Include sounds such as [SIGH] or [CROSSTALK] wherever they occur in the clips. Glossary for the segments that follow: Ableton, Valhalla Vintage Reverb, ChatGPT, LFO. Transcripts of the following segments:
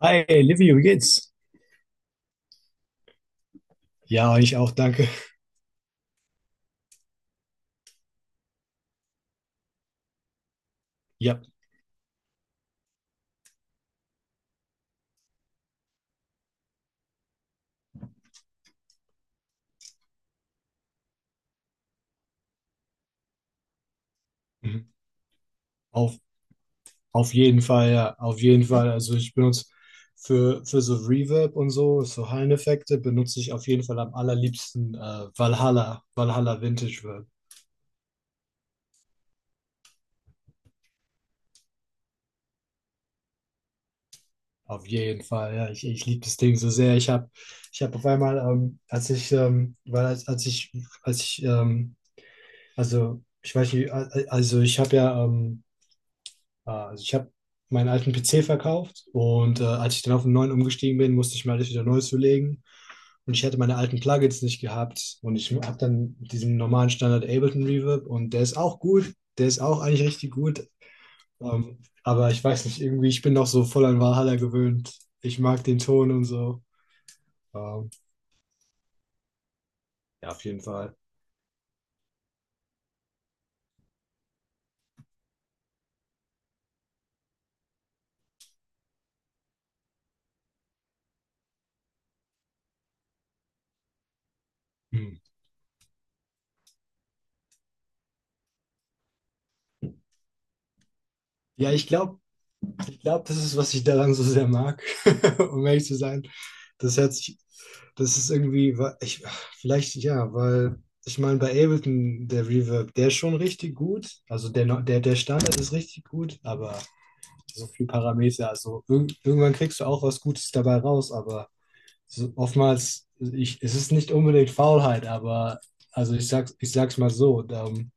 Hi, Livio, wie geht's? Ja, ich auch, danke. Ja, mhm. auf, auf jeden Fall. Also ich benutze für so Reverb und so, so Halleneffekte, benutze ich auf jeden Fall am allerliebsten Valhalla, Valhalla Vintage Reverb. Auf jeden Fall, ja, ich liebe das Ding so sehr. Ich hab auf einmal, als ich, weil als, als ich, also ich weiß nicht, also ich habe ich habe meinen alten PC verkauft und als ich dann auf den neuen umgestiegen bin, musste ich mir alles wieder neu zulegen. Und ich hätte meine alten Plugins nicht gehabt. Und ich habe dann diesen normalen Standard Ableton Reverb und der ist auch gut. Der ist auch eigentlich richtig gut. Ähm, aber ich weiß nicht, irgendwie, ich bin noch so voll an Valhalla gewöhnt. Ich mag den Ton und so. Ähm, ja, auf jeden Fall. Hm. Ja, ich glaube, Ich glaube, das ist, was ich daran so sehr mag, [LAUGHS] um ehrlich zu sein. Das hört sich, Das ist irgendwie, vielleicht ja, weil ich meine, bei Ableton, der Reverb, der ist schon richtig gut. Also der, no- der, der Standard ist richtig gut, aber so viel Parameter, also irgendwann kriegst du auch was Gutes dabei raus, aber so, oftmals, es ist nicht unbedingt Faulheit, aber ich sag's mal so, ähm,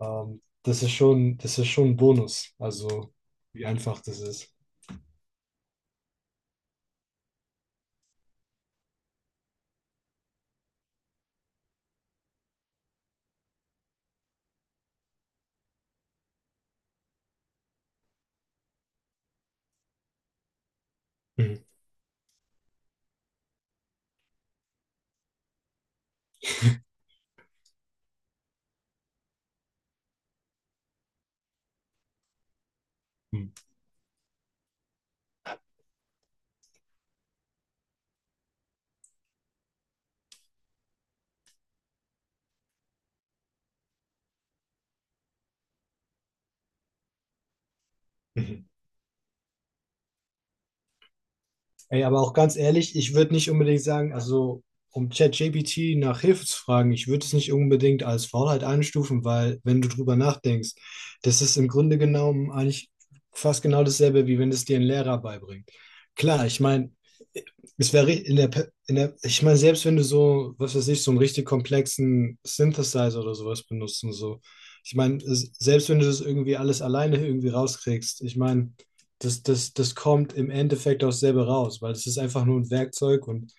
ähm, das ist schon ein Bonus, also wie einfach das ist. Hm. Hm. Mhm. Ey, aber auch ganz ehrlich, ich würde nicht unbedingt sagen, also um ChatGPT nach Hilfe zu fragen, ich würde es nicht unbedingt als Faulheit einstufen, weil wenn du drüber nachdenkst, das ist im Grunde genommen eigentlich fast genau dasselbe, wie wenn es dir ein Lehrer beibringt. Klar, ich meine, es wäre in der, Pe- in der, ich meine, selbst wenn du so, was weiß ich, so einen richtig komplexen Synthesizer oder sowas benutzt und so, ich meine, selbst wenn du das irgendwie alles alleine irgendwie rauskriegst, ich meine, das kommt im Endeffekt auch selber raus, weil es ist einfach nur ein Werkzeug und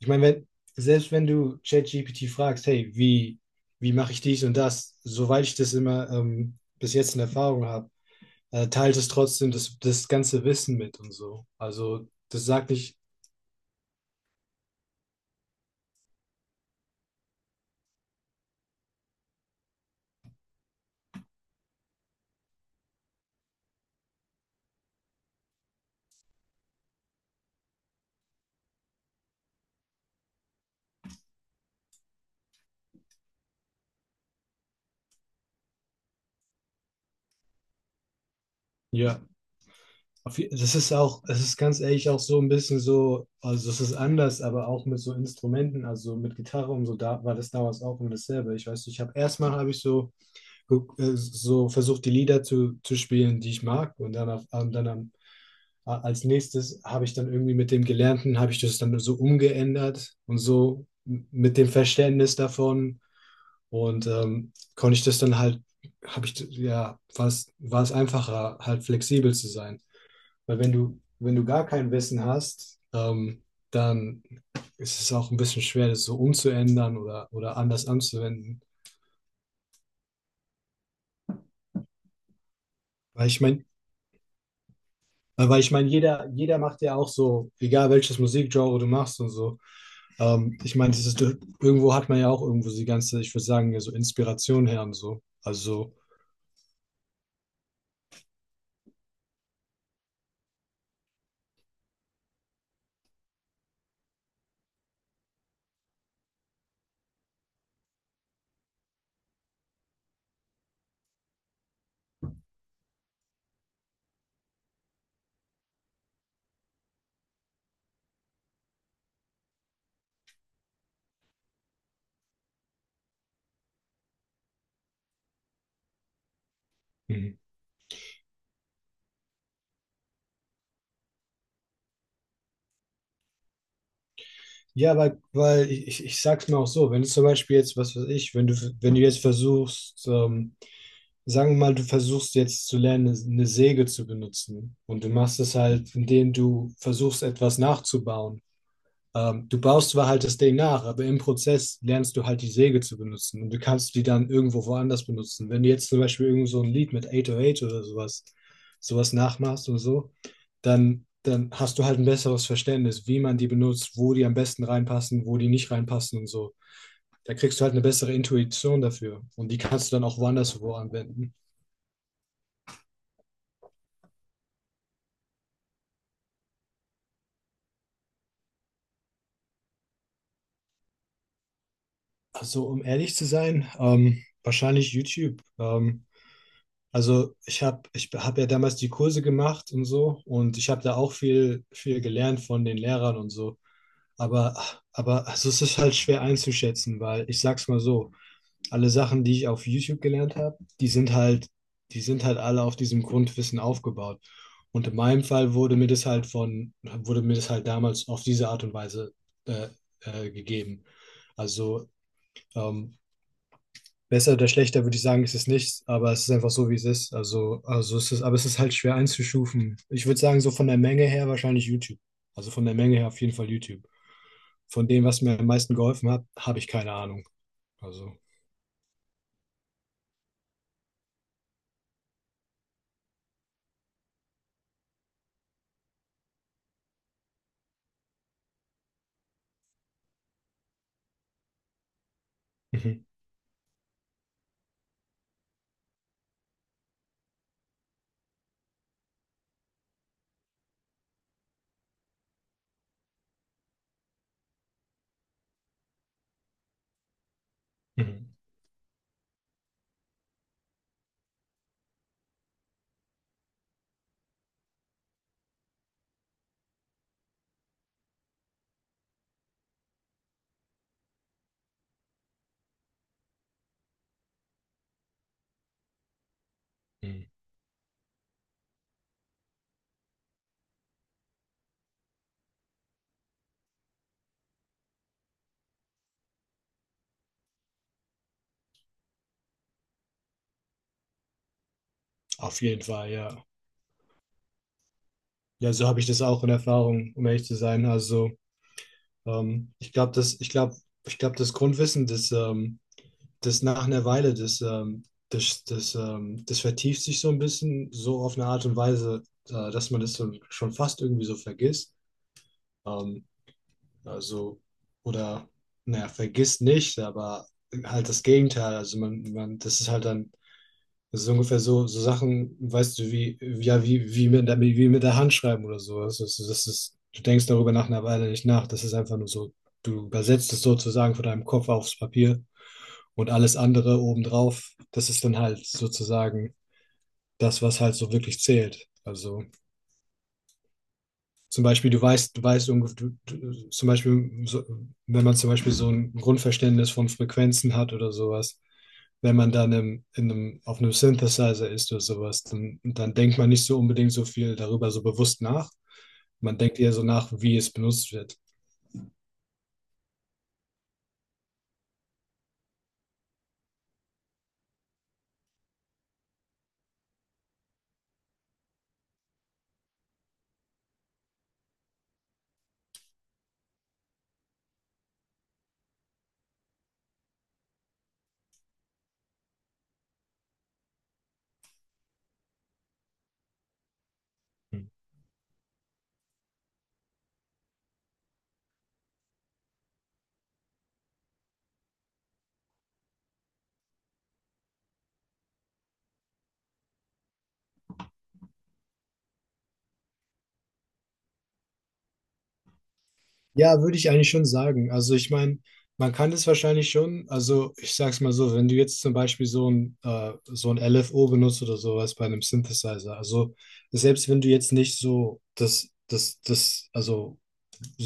ich meine, wenn, selbst wenn du ChatGPT fragst, hey, wie mache ich dies und das, soweit ich das immer bis jetzt in Erfahrung habe, teilt es trotzdem das ganze Wissen mit und so. Also das sagt nicht, ja, auf je- das ist auch, es ist ganz ehrlich auch so ein bisschen so, also es ist anders, aber auch mit so Instrumenten, also mit Gitarre und so, da war das damals auch immer dasselbe. Ich weiß, nicht, ich habe erstmal habe ich so so versucht die Lieder zu spielen, die ich mag. Und dann, auf, und dann am, a- Als nächstes habe ich dann irgendwie mit dem Gelernten, habe ich das dann so umgeändert und so mit dem Verständnis davon. Und konnte ich das dann halt, habe ich, ja, war es einfacher, halt flexibel zu sein. Weil wenn du gar kein Wissen hast, dann ist es auch ein bisschen schwer, das so umzuändern oder anders anzuwenden. Weil ich meine, Weil ich meine, jeder macht ja auch so, egal welches Musikgenre du machst und so. Ich meine, das ist, irgendwo hat man ja auch irgendwo die ganze, ich würde sagen, ja, so Inspiration her und so. Also, mhm. Ja, weil ich sag's mal auch so, wenn du zum Beispiel jetzt, was weiß ich, wenn du jetzt versuchst, sagen wir mal, du versuchst jetzt zu lernen, eine Säge zu benutzen und du machst es halt, indem du versuchst, etwas nachzubauen. Du baust zwar halt das Ding nach, aber im Prozess lernst du halt die Säge zu benutzen und du kannst die dann irgendwo woanders benutzen. Wenn du jetzt zum Beispiel irgend so ein Lied mit 808 oder sowas, sowas nachmachst oder so, dann hast du halt ein besseres Verständnis, wie man die benutzt, wo die am besten reinpassen, wo die nicht reinpassen und so. Da kriegst du halt eine bessere Intuition dafür und die kannst du dann auch woanders wo anwenden. Also, um ehrlich zu sein, wahrscheinlich YouTube. Also ich hab ja damals die Kurse gemacht und so und ich habe da auch viel, viel gelernt von den Lehrern und so. Aber, aber also es ist halt schwer einzuschätzen, weil ich sag's mal so, alle Sachen, die ich auf YouTube gelernt habe, die sind halt alle auf diesem Grundwissen aufgebaut. Und in meinem Fall wurde mir das halt von, wurde mir das halt damals auf diese Art und Weise äh, gegeben. Also ähm, besser oder schlechter würde ich sagen, ist es nicht, aber es ist einfach so, wie es ist. Also es ist, aber es ist halt schwer einzustufen. Ich würde sagen, so von der Menge her wahrscheinlich YouTube. Also von der Menge her auf jeden Fall YouTube. Von dem, was mir am meisten geholfen hat, habe ich keine Ahnung. Also, [LAUGHS] mhm, mhm, mhm. Auf jeden Fall, ja. Ja, so habe ich das auch in Erfahrung, um ehrlich zu sein. Also, ähm, ich glaube, das, ich glaube, ich glaube, das Grundwissen, das, das nach einer Weile, das, das, das, das vertieft sich so ein bisschen, so auf eine Art und Weise, dass man das so, schon fast irgendwie so vergisst. Ähm, also, oder, naja, vergisst nicht, aber halt das Gegenteil. Also, das ist halt dann, das ist ungefähr so, so Sachen, weißt du, wie mit der Hand schreiben oder so. Das ist, das ist, du denkst darüber nach einer Weile nicht nach. Das ist einfach nur so, du übersetzt es sozusagen von deinem Kopf aufs Papier. Und alles andere obendrauf, das ist dann halt sozusagen das, was halt so wirklich zählt. Also zum Beispiel, du weißt, du weißt, du, zum Beispiel, so, wenn man zum Beispiel so ein Grundverständnis von Frequenzen hat oder sowas, wenn man dann auf einem Synthesizer ist oder sowas, dann denkt man nicht so unbedingt so viel darüber so bewusst nach. Man denkt eher so nach, wie es benutzt wird. Ja, würde ich eigentlich schon sagen. Also ich meine, man kann es wahrscheinlich schon, also ich sag's mal so, wenn du jetzt zum Beispiel so so ein LFO benutzt oder sowas bei einem Synthesizer, also selbst wenn du jetzt nicht so das, also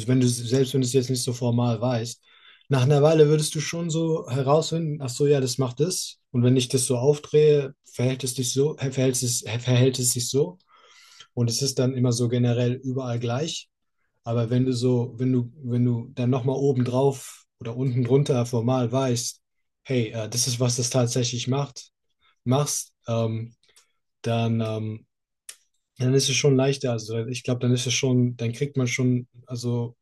wenn du, selbst wenn du es jetzt nicht so formal weißt, nach einer Weile würdest du schon so herausfinden, ach so, ja, das macht das. Und wenn ich das so aufdrehe, verhält es dich so, verhält es sich so. Und es ist dann immer so generell überall gleich. Aber wenn du so, wenn du dann nochmal oben drauf oder unten drunter formal weißt, hey, das ist, was das tatsächlich macht, machst, ähm, dann, ähm, dann ist es schon leichter. Also ich glaube, dann ist es schon, dann kriegt man schon also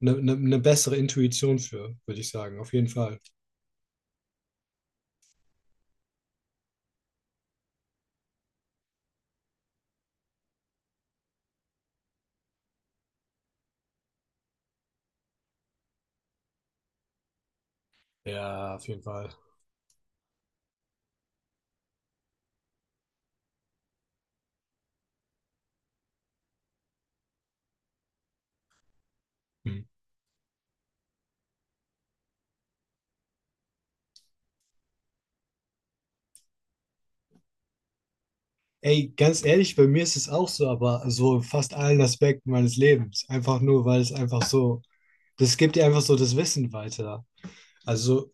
ne bessere Intuition für, würde ich sagen. Auf jeden Fall. Ja, auf jeden Fall. Mhm. Ey, ganz ehrlich, bei mir ist es auch so, aber so in fast allen Aspekten meines Lebens. Einfach nur, weil es einfach so, Das gibt dir einfach so das Wissen weiter. Also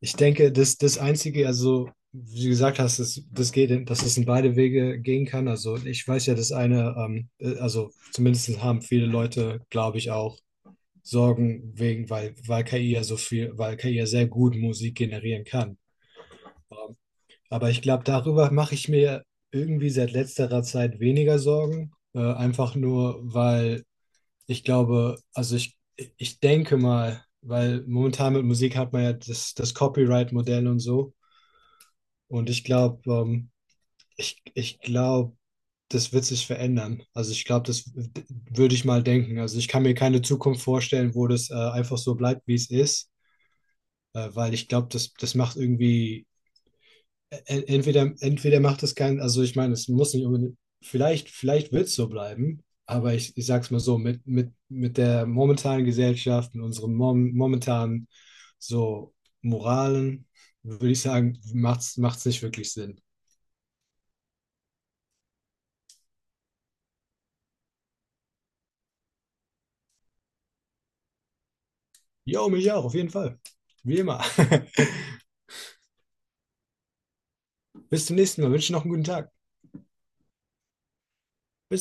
ich denke, das Einzige, also wie du gesagt hast, das geht, dass es in beide Wege gehen kann. Also ich weiß ja, das eine, also zumindest haben viele Leute, glaube ich, auch Sorgen wegen, weil KI ja so viel, weil KI ja sehr gut Musik generieren kann. Ähm, aber ich glaube, darüber mache ich mir irgendwie seit letzterer Zeit weniger Sorgen. Einfach nur, weil ich glaube, ich denke mal, weil momentan mit Musik hat man ja das Copyright-Modell und so. Und ich glaube, ich glaube, das wird sich verändern. Also ich glaube, würde ich mal denken. Also ich kann mir keine Zukunft vorstellen, wo das einfach so bleibt, wie es ist, weil ich glaube, das macht irgendwie, entweder macht es keinen, also ich meine, es muss nicht unbedingt, vielleicht wird es so bleiben, aber ich sag's mal so, mit der momentanen Gesellschaft, mit unseren momentanen so Moralen, würde ich sagen, macht's nicht wirklich Sinn. Jo, mich auch, auf jeden Fall. Wie immer. [LAUGHS] Bis zum nächsten Mal. Wünsche noch einen guten Tag. Bis